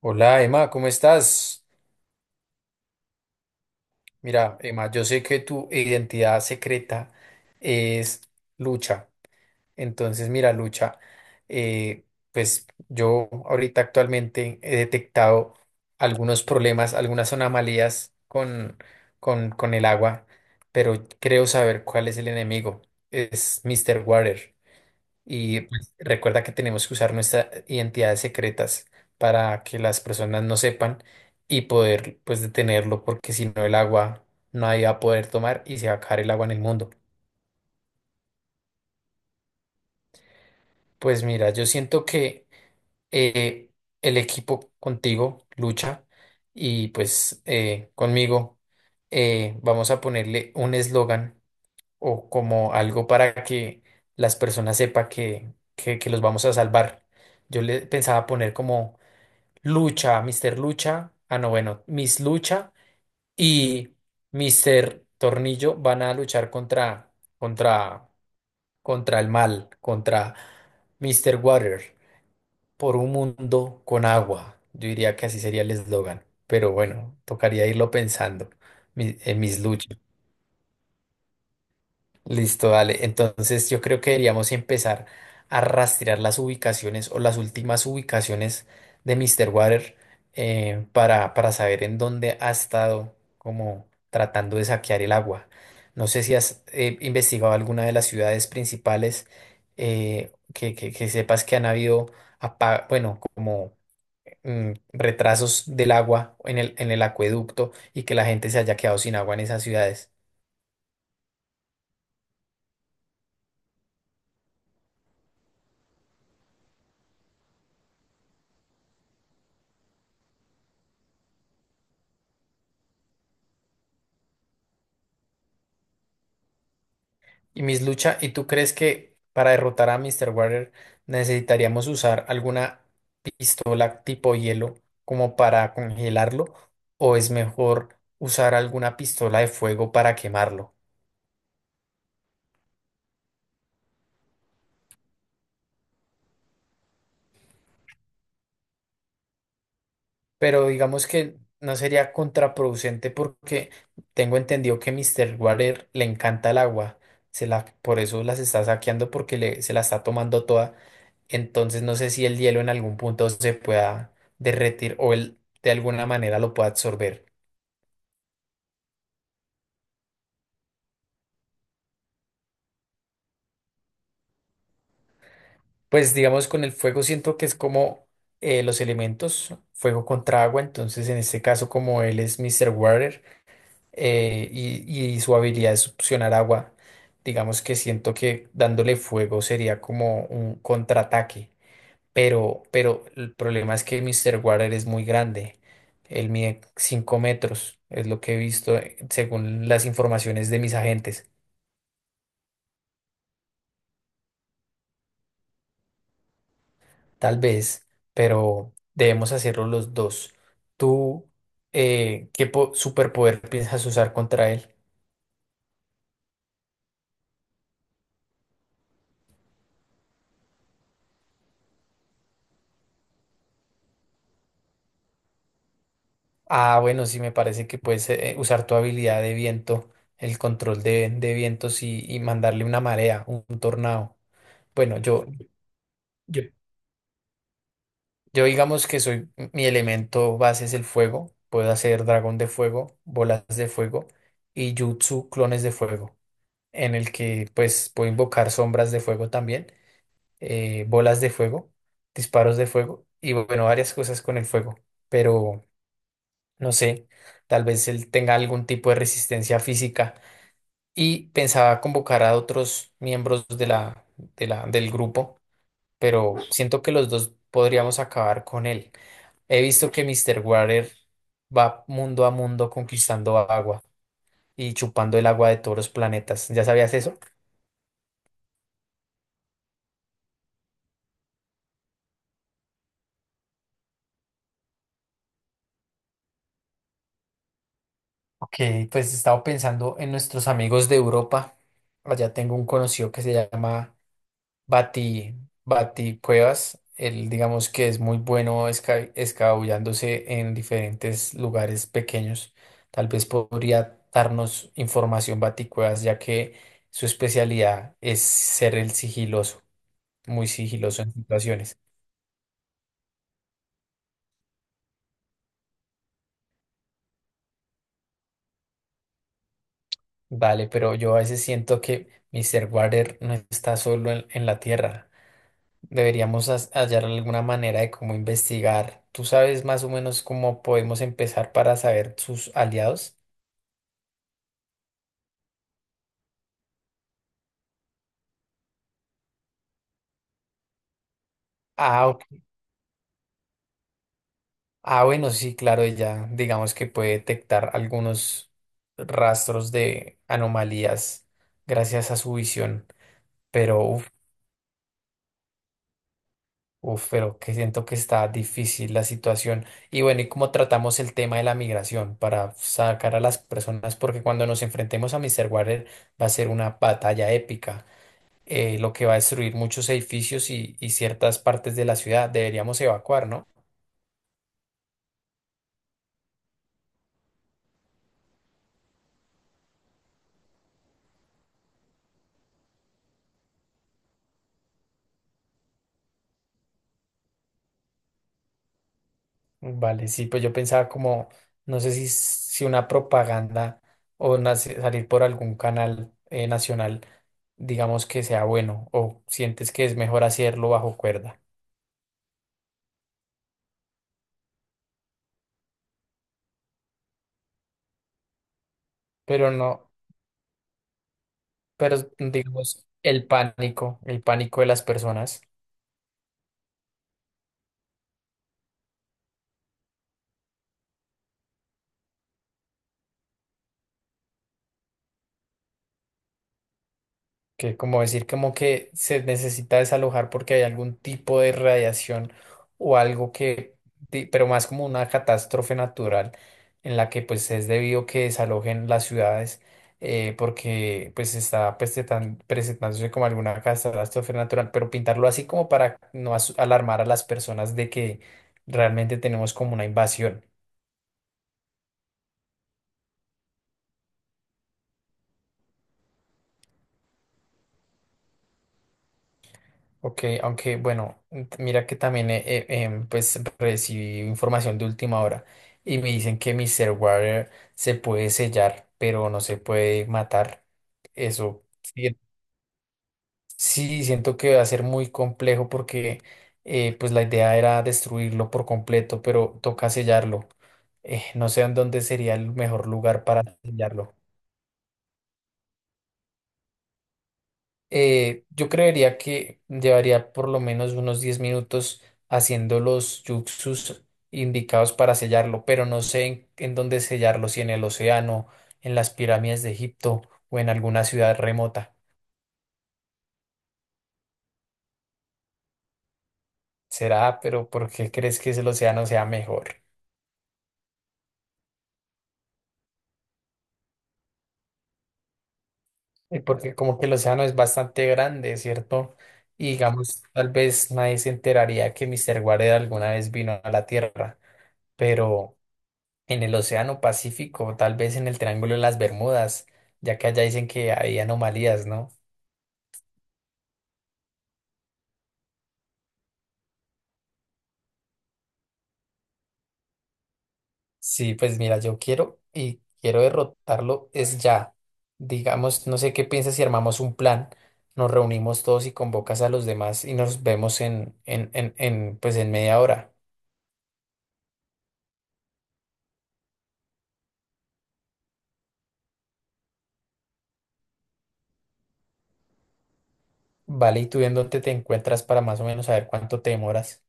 Hola Emma, ¿cómo estás? Mira, Emma, yo sé que tu identidad secreta es Lucha. Entonces, mira, Lucha, eh, pues yo ahorita actualmente he detectado algunos problemas, algunas anomalías con el agua, pero creo saber cuál es el enemigo. Es Mr. Water. Y pues, recuerda que tenemos que usar nuestras identidades secretas para que las personas no sepan y poder pues detenerlo porque si no el agua nadie va a poder tomar y se va a acabar el agua en el mundo. Pues mira, yo siento que eh, el equipo contigo lucha y pues conmigo vamos a ponerle un eslogan o como algo para que las personas sepan que los vamos a salvar. Yo le pensaba poner como Lucha, Mr. Lucha. Ah, no, bueno, Miss Lucha y Mr. Tornillo van a luchar contra, contra el mal, contra Mr. Water, por un mundo con agua. Yo diría que así sería el eslogan, pero bueno, tocaría irlo pensando. Miss Lucha. Listo, dale. Entonces yo creo que deberíamos empezar a rastrear las ubicaciones o las últimas ubicaciones de Mr. Water, para saber en dónde ha estado como tratando de saquear el agua. No sé si has investigado alguna de las ciudades principales, que sepas que han habido, bueno, como retrasos del agua en el acueducto y que la gente se haya quedado sin agua en esas ciudades. Y Miss Lucha, ¿y tú crees que para derrotar a Mr. Water necesitaríamos usar alguna pistola tipo hielo como para congelarlo? ¿O es mejor usar alguna pistola de fuego para quemarlo? Pero digamos que no sería contraproducente porque tengo entendido que Mr. Water le encanta el agua. Se la, por eso las está saqueando porque se la está tomando toda. Entonces no sé si el hielo en algún punto se pueda derretir o él de alguna manera lo pueda absorber. Pues digamos con el fuego siento que es como los elementos, fuego contra agua, entonces en este caso como él es Mr. Water, y su habilidad de succionar agua, digamos que siento que dándole fuego sería como un contraataque. Pero el problema es que Mr. Water es muy grande. Él mide 5 metros, es lo que he visto, según las informaciones de mis agentes. Tal vez, pero debemos hacerlo los dos. ¿Tú qué superpoder piensas usar contra él? Ah, bueno, sí, me parece que puedes usar tu habilidad de viento, el control de vientos y mandarle una marea, un tornado. Bueno, yo yo digamos que soy, mi elemento base es el fuego. Puedo hacer dragón de fuego, bolas de fuego y jutsu clones de fuego, en el que pues puedo invocar sombras de fuego también, bolas de fuego, disparos de fuego y bueno, varias cosas con el fuego. Pero no sé, tal vez él tenga algún tipo de resistencia física y pensaba convocar a otros miembros de del grupo, pero siento que los dos podríamos acabar con él. He visto que Mr. Water va mundo a mundo conquistando agua y chupando el agua de todos los planetas. ¿Ya sabías eso? Ok, pues he estado pensando en nuestros amigos de Europa. Allá tengo un conocido que se llama Bati, Bati Cuevas. Él, digamos que es muy bueno escabullándose en diferentes lugares pequeños. Tal vez podría darnos información Bati Cuevas, ya que su especialidad es ser el sigiloso, muy sigiloso en situaciones. Vale, pero yo a veces siento que Mr. Water no está solo en la Tierra. Deberíamos hallar alguna manera de cómo investigar. ¿Tú sabes más o menos cómo podemos empezar para saber sus aliados? Ah, ok. Ah, bueno, sí, claro, ella digamos que puede detectar algunos rastros de anomalías gracias a su visión, pero uf, pero que siento que está difícil la situación. Y bueno, ¿y cómo tratamos el tema de la migración para sacar a las personas? Porque cuando nos enfrentemos a Mr. Water va a ser una batalla épica, lo que va a destruir muchos edificios y ciertas partes de la ciudad. Deberíamos evacuar, ¿no? Vale, sí, pues yo pensaba como, no sé si una propaganda o salir por algún canal nacional, digamos que sea bueno, o sientes que es mejor hacerlo bajo cuerda. Pero no. Pero digamos, el pánico de las personas, que como decir como que se necesita desalojar porque hay algún tipo de radiación o algo que, pero más como una catástrofe natural en la que pues es debido que desalojen las ciudades, porque pues está pues, presentándose como alguna catástrofe natural, pero pintarlo así como para no alarmar a las personas de que realmente tenemos como una invasión. Ok, aunque bueno, mira que también pues recibí información de última hora y me dicen que Mr. Water se puede sellar, pero no se puede matar. Eso sí, sí, siento que va a ser muy complejo porque pues la idea era destruirlo por completo, pero toca sellarlo. No sé en dónde sería el mejor lugar para sellarlo. Yo creería que llevaría por lo menos unos 10 minutos haciendo los yuxus indicados para sellarlo, pero no sé en dónde sellarlo, si en el océano, en las pirámides de Egipto o en alguna ciudad remota. Será, pero ¿por qué crees que el océano sea mejor? Porque como que el océano es bastante grande, ¿cierto? Y digamos, tal vez nadie se enteraría que Mr. Guareda alguna vez vino a la Tierra, pero en el Océano Pacífico, tal vez en el Triángulo de las Bermudas, ya que allá dicen que hay anomalías, ¿no? Sí, pues mira, yo quiero y quiero derrotarlo es ya. Digamos, no sé qué piensas si armamos un plan, nos reunimos todos y convocas a los demás y nos vemos pues en media hora. Vale, ¿y tú en dónde te encuentras para más o menos saber cuánto te demoras?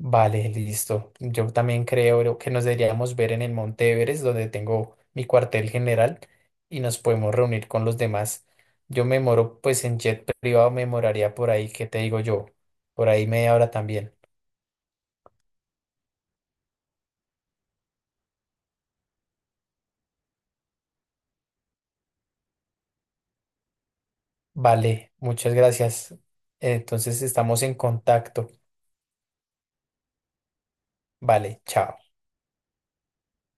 Vale, listo. Yo también creo que nos deberíamos ver en el Monte Everest, donde tengo mi cuartel general, y nos podemos reunir con los demás. Yo me moro, pues en jet privado me moraría por ahí, ¿qué te digo yo? Por ahí media hora también. Vale, muchas gracias. Entonces estamos en contacto. Vale, chao.